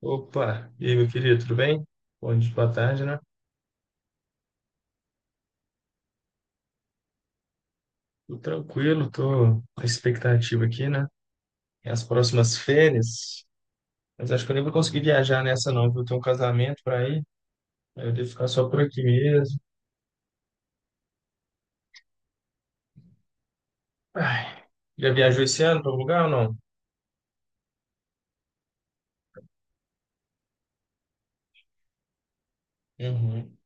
Opa, e aí, meu querido, tudo bem? Bom dia, boa tarde, né? Tudo tranquilo, tô com a expectativa aqui, né? E as próximas férias, mas acho que eu nem vou conseguir viajar nessa não, viu? Tenho um casamento para ir, aí eu devo ficar só por aqui mesmo. Ai, já viajou esse ano para algum lugar ou não? Uhum,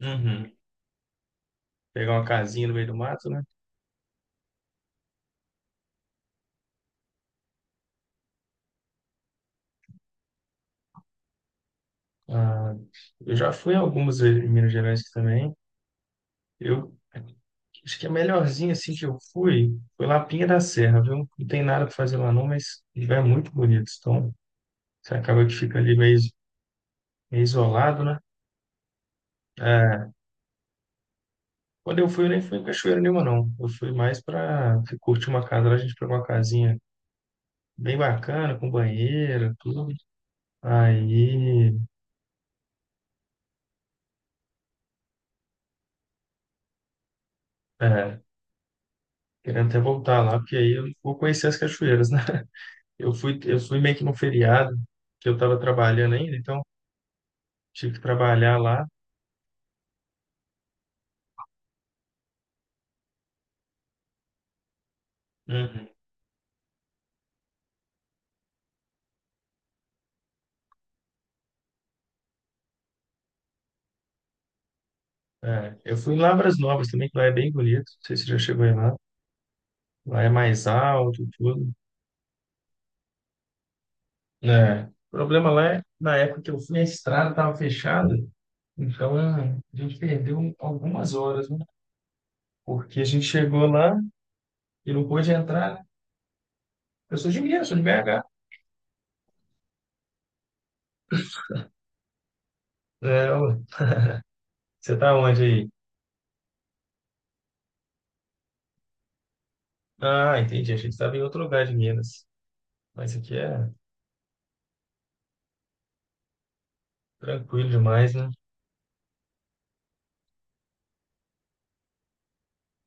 uhum. Pegar uma casinha no meio do mato, né? Ah, eu já fui algumas vezes em Minas Gerais aqui também. Eu Acho que a melhorzinha assim que eu fui foi lá Pinha da Serra, viu? Não tem nada para fazer lá não, mas o lugar é muito bonito. Então, você acaba que fica ali meio isolado, né? É, quando eu fui, eu nem fui em cachoeira nenhuma, não. Eu fui mais para curtir uma casa. Lá a gente pegou uma casinha bem bacana, com banheiro, tudo. Aí, é, querendo até voltar lá, porque aí eu vou conhecer as cachoeiras, né? Eu fui meio que no feriado, que eu estava trabalhando ainda, então tive que trabalhar lá. Uhum. É, eu fui em Lavras Novas também, que lá é bem bonito. Não sei se você já chegou aí lá. Lá é mais alto, tudo. É. O problema lá é, na época que eu fui, a estrada estava fechada, então é, a gente perdeu algumas horas, né? Porque a gente chegou lá e não pôde entrar. Eu sou de Minas, sou de BH. É, ué. Você tá onde aí? Ah, entendi. A gente estava em outro lugar de Minas. Mas aqui é tranquilo demais, né?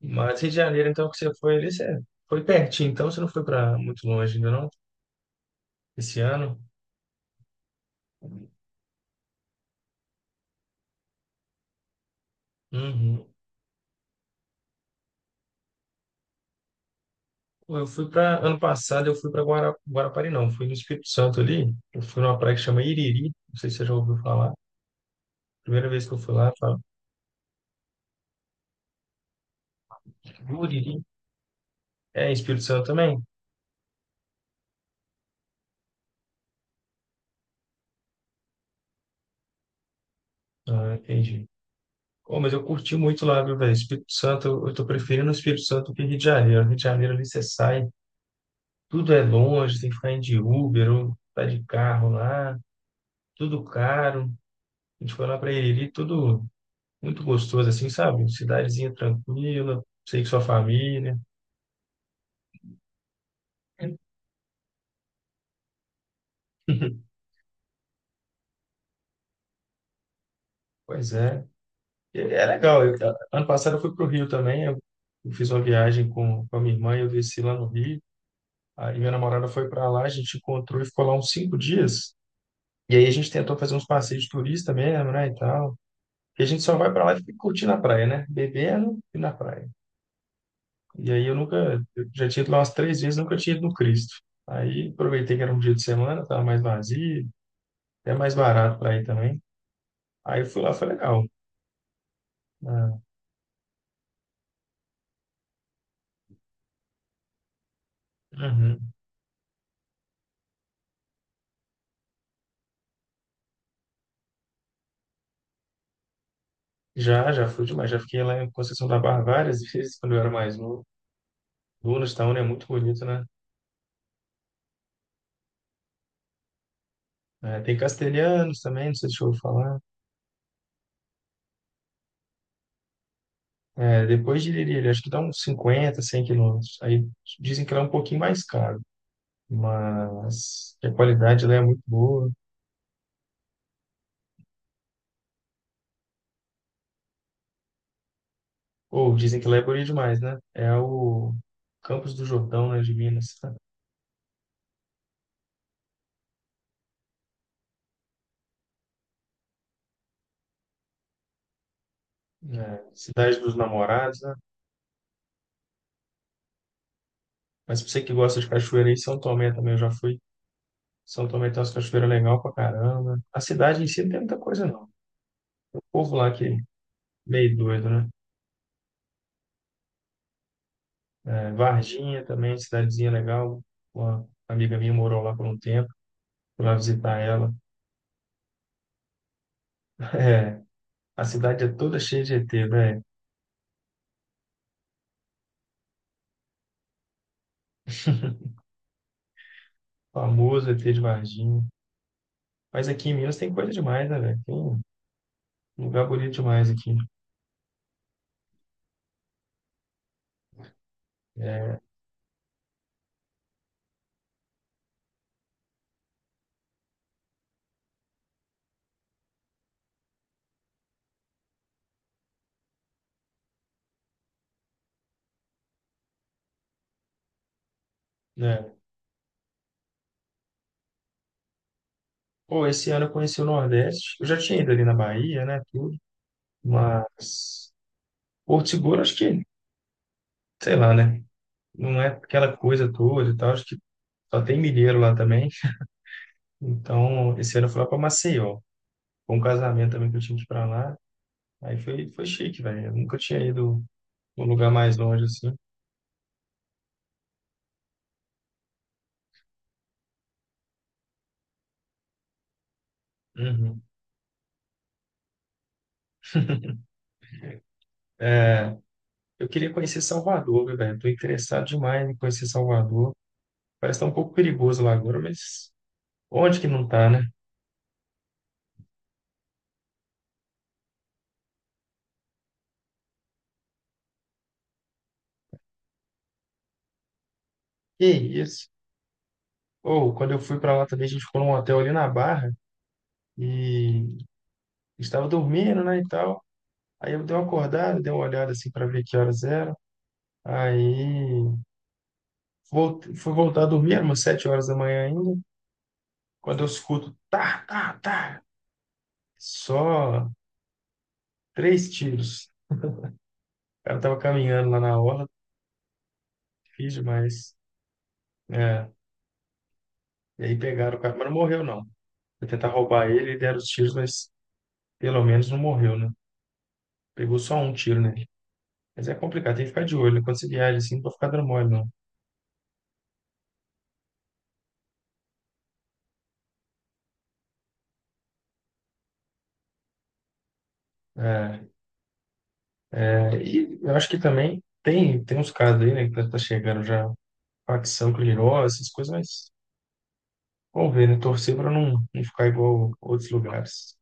Mas Rio de Janeiro, então, que você foi ali, você foi pertinho, então você não foi para muito longe ainda, não? Esse ano. Uhum. Pô, eu fui para ano passado, eu fui para Guara... Guarapari, não, fui no Espírito Santo ali. Eu fui numa praia que chama Iriri, não sei se você já ouviu falar. Primeira vez que eu fui lá, fala, Iriri. É, Espírito Santo também? Ah, entendi. Oh, mas eu curti muito lá, viu, velho? Espírito Santo, eu tô preferindo o Espírito Santo que Rio de Janeiro. Rio de Janeiro ali você sai, tudo é longe, tem que ficar indo de Uber ou tá de carro lá, tudo caro. A gente foi lá para Iriri, tudo muito gostoso, assim, sabe? Cidadezinha tranquila, sei que sua família. Pois é. E é legal. Eu, ano passado eu fui para o Rio também. Eu fiz uma viagem com a minha irmã e eu desci lá no Rio. Aí minha namorada foi para lá, a gente encontrou e ficou lá uns 5 dias. E aí a gente tentou fazer uns passeios de turista mesmo, né, e tal. E a gente só vai para lá e fica curtindo a praia, né? Bebendo e na praia. E aí eu nunca, eu já tinha ido lá umas 3 vezes, nunca tinha ido no Cristo. Aí aproveitei que era um dia de semana, estava mais vazio, até mais barato para ir também. Aí eu fui lá, foi legal. Ah, uhum. Já, já fui demais. Já fiquei lá em Conceição da Barra várias vezes quando eu era mais novo. Lunas Town é muito bonito, né? É, tem Castelhanos também, não sei se eu ouvi falar. É, depois de Liriri, acho que dá uns cinquenta, 100 quilômetros. Aí dizem que lá é um pouquinho mais caro, mas que a qualidade lá é muito boa. Ou dizem que lá é bonito demais, né? É o Campos do Jordão, né, de Minas, né? É, Cidade dos Namorados, né? Mas pra você que gosta de cachoeira aí, São Tomé também, eu já fui. São Tomé tem umas cachoeiras legal pra caramba. A cidade em si não tem muita coisa, não. O povo lá que é meio doido, né? É, Varginha também, cidadezinha legal. Uma amiga minha morou lá por um tempo. Fui lá visitar ela. É, a cidade é toda cheia de E T, velho. Famoso E T de Varginha. Mas aqui em Minas tem coisa demais, né, velho? Tem um lugar bonito demais aqui. É, né? Pô, esse ano eu conheci o Nordeste. Eu já tinha ido ali na Bahia, né? Tudo. Mas Porto Seguro, acho que, sei lá, né? Não é aquela coisa toda e tal, acho que só tem mineiro lá também. Então, esse ano eu fui lá para Maceió, com um casamento também que eu tinha que ir para lá. Aí foi chique, velho. Eu nunca tinha ido num lugar mais longe assim. Uhum. Eu queria conhecer Salvador, viu, velho. Tô interessado demais em conhecer Salvador. Parece que tá um pouco perigoso lá agora, mas onde que não tá, né? Que isso? Ou quando eu fui para lá também, a gente ficou num hotel ali na Barra e estava dormindo, né, e tal. Aí eu dei uma acordada, dei uma olhada assim para ver que horas era. Aí voltei, fui voltar a dormir, eram umas 7 horas da manhã ainda. Quando eu escuto, tá, tá, tá, só 3 tiros. O cara tava caminhando lá na orla, fiz demais. É, e aí pegaram o cara, mas não morreu não. Foi tentar roubar ele e deram os tiros, mas pelo menos não morreu, né? Pegou só um tiro nele. Mas é complicado, tem que ficar de olho, né? Quando você viaja assim, não pode ficar dando mole, não. É, é, e eu acho que também tem uns casos aí, né, que tá chegando já facção criminosa, essas coisas, mas vamos ver, né? Torcer para não, não ficar igual outros lugares.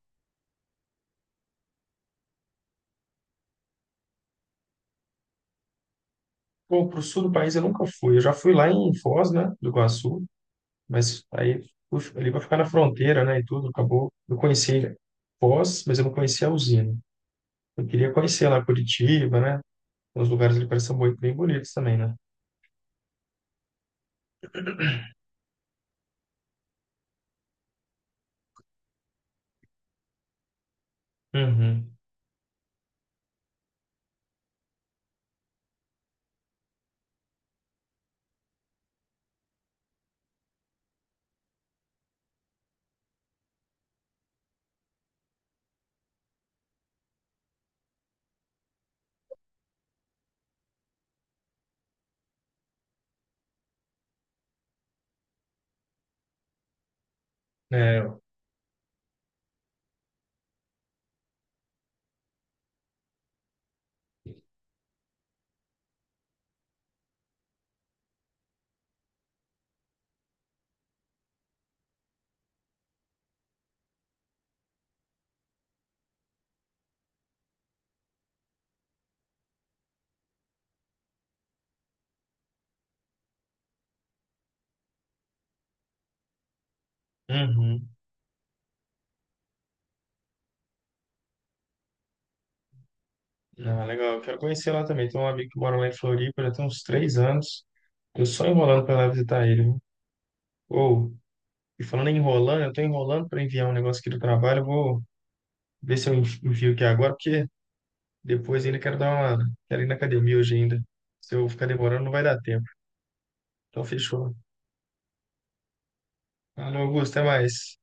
Pô, pro sul do país eu nunca fui. Eu já fui lá em Foz, né, do Iguaçu, mas aí fui ali para ficar na fronteira, né, e tudo, acabou. Eu conheci Foz, mas eu não conhecia a usina. Eu queria conhecer lá Curitiba, né? Os lugares ali parecem muito bem bonitos também, né? Uhum. É, uhum. Ah, legal, eu quero conhecer lá também. Tem um amigo que mora lá em Floripa, já tem uns 3 anos. Tô só enrolando para lá visitar ele. Viu? E falando em enrolando, eu estou enrolando para enviar um negócio aqui do trabalho. Eu vou ver se eu envio aqui agora, porque depois ainda quero dar uma. Quero ir na academia hoje ainda. Se eu ficar demorando, não vai dar tempo. Então, fechou. Alô, Augusto, até mais.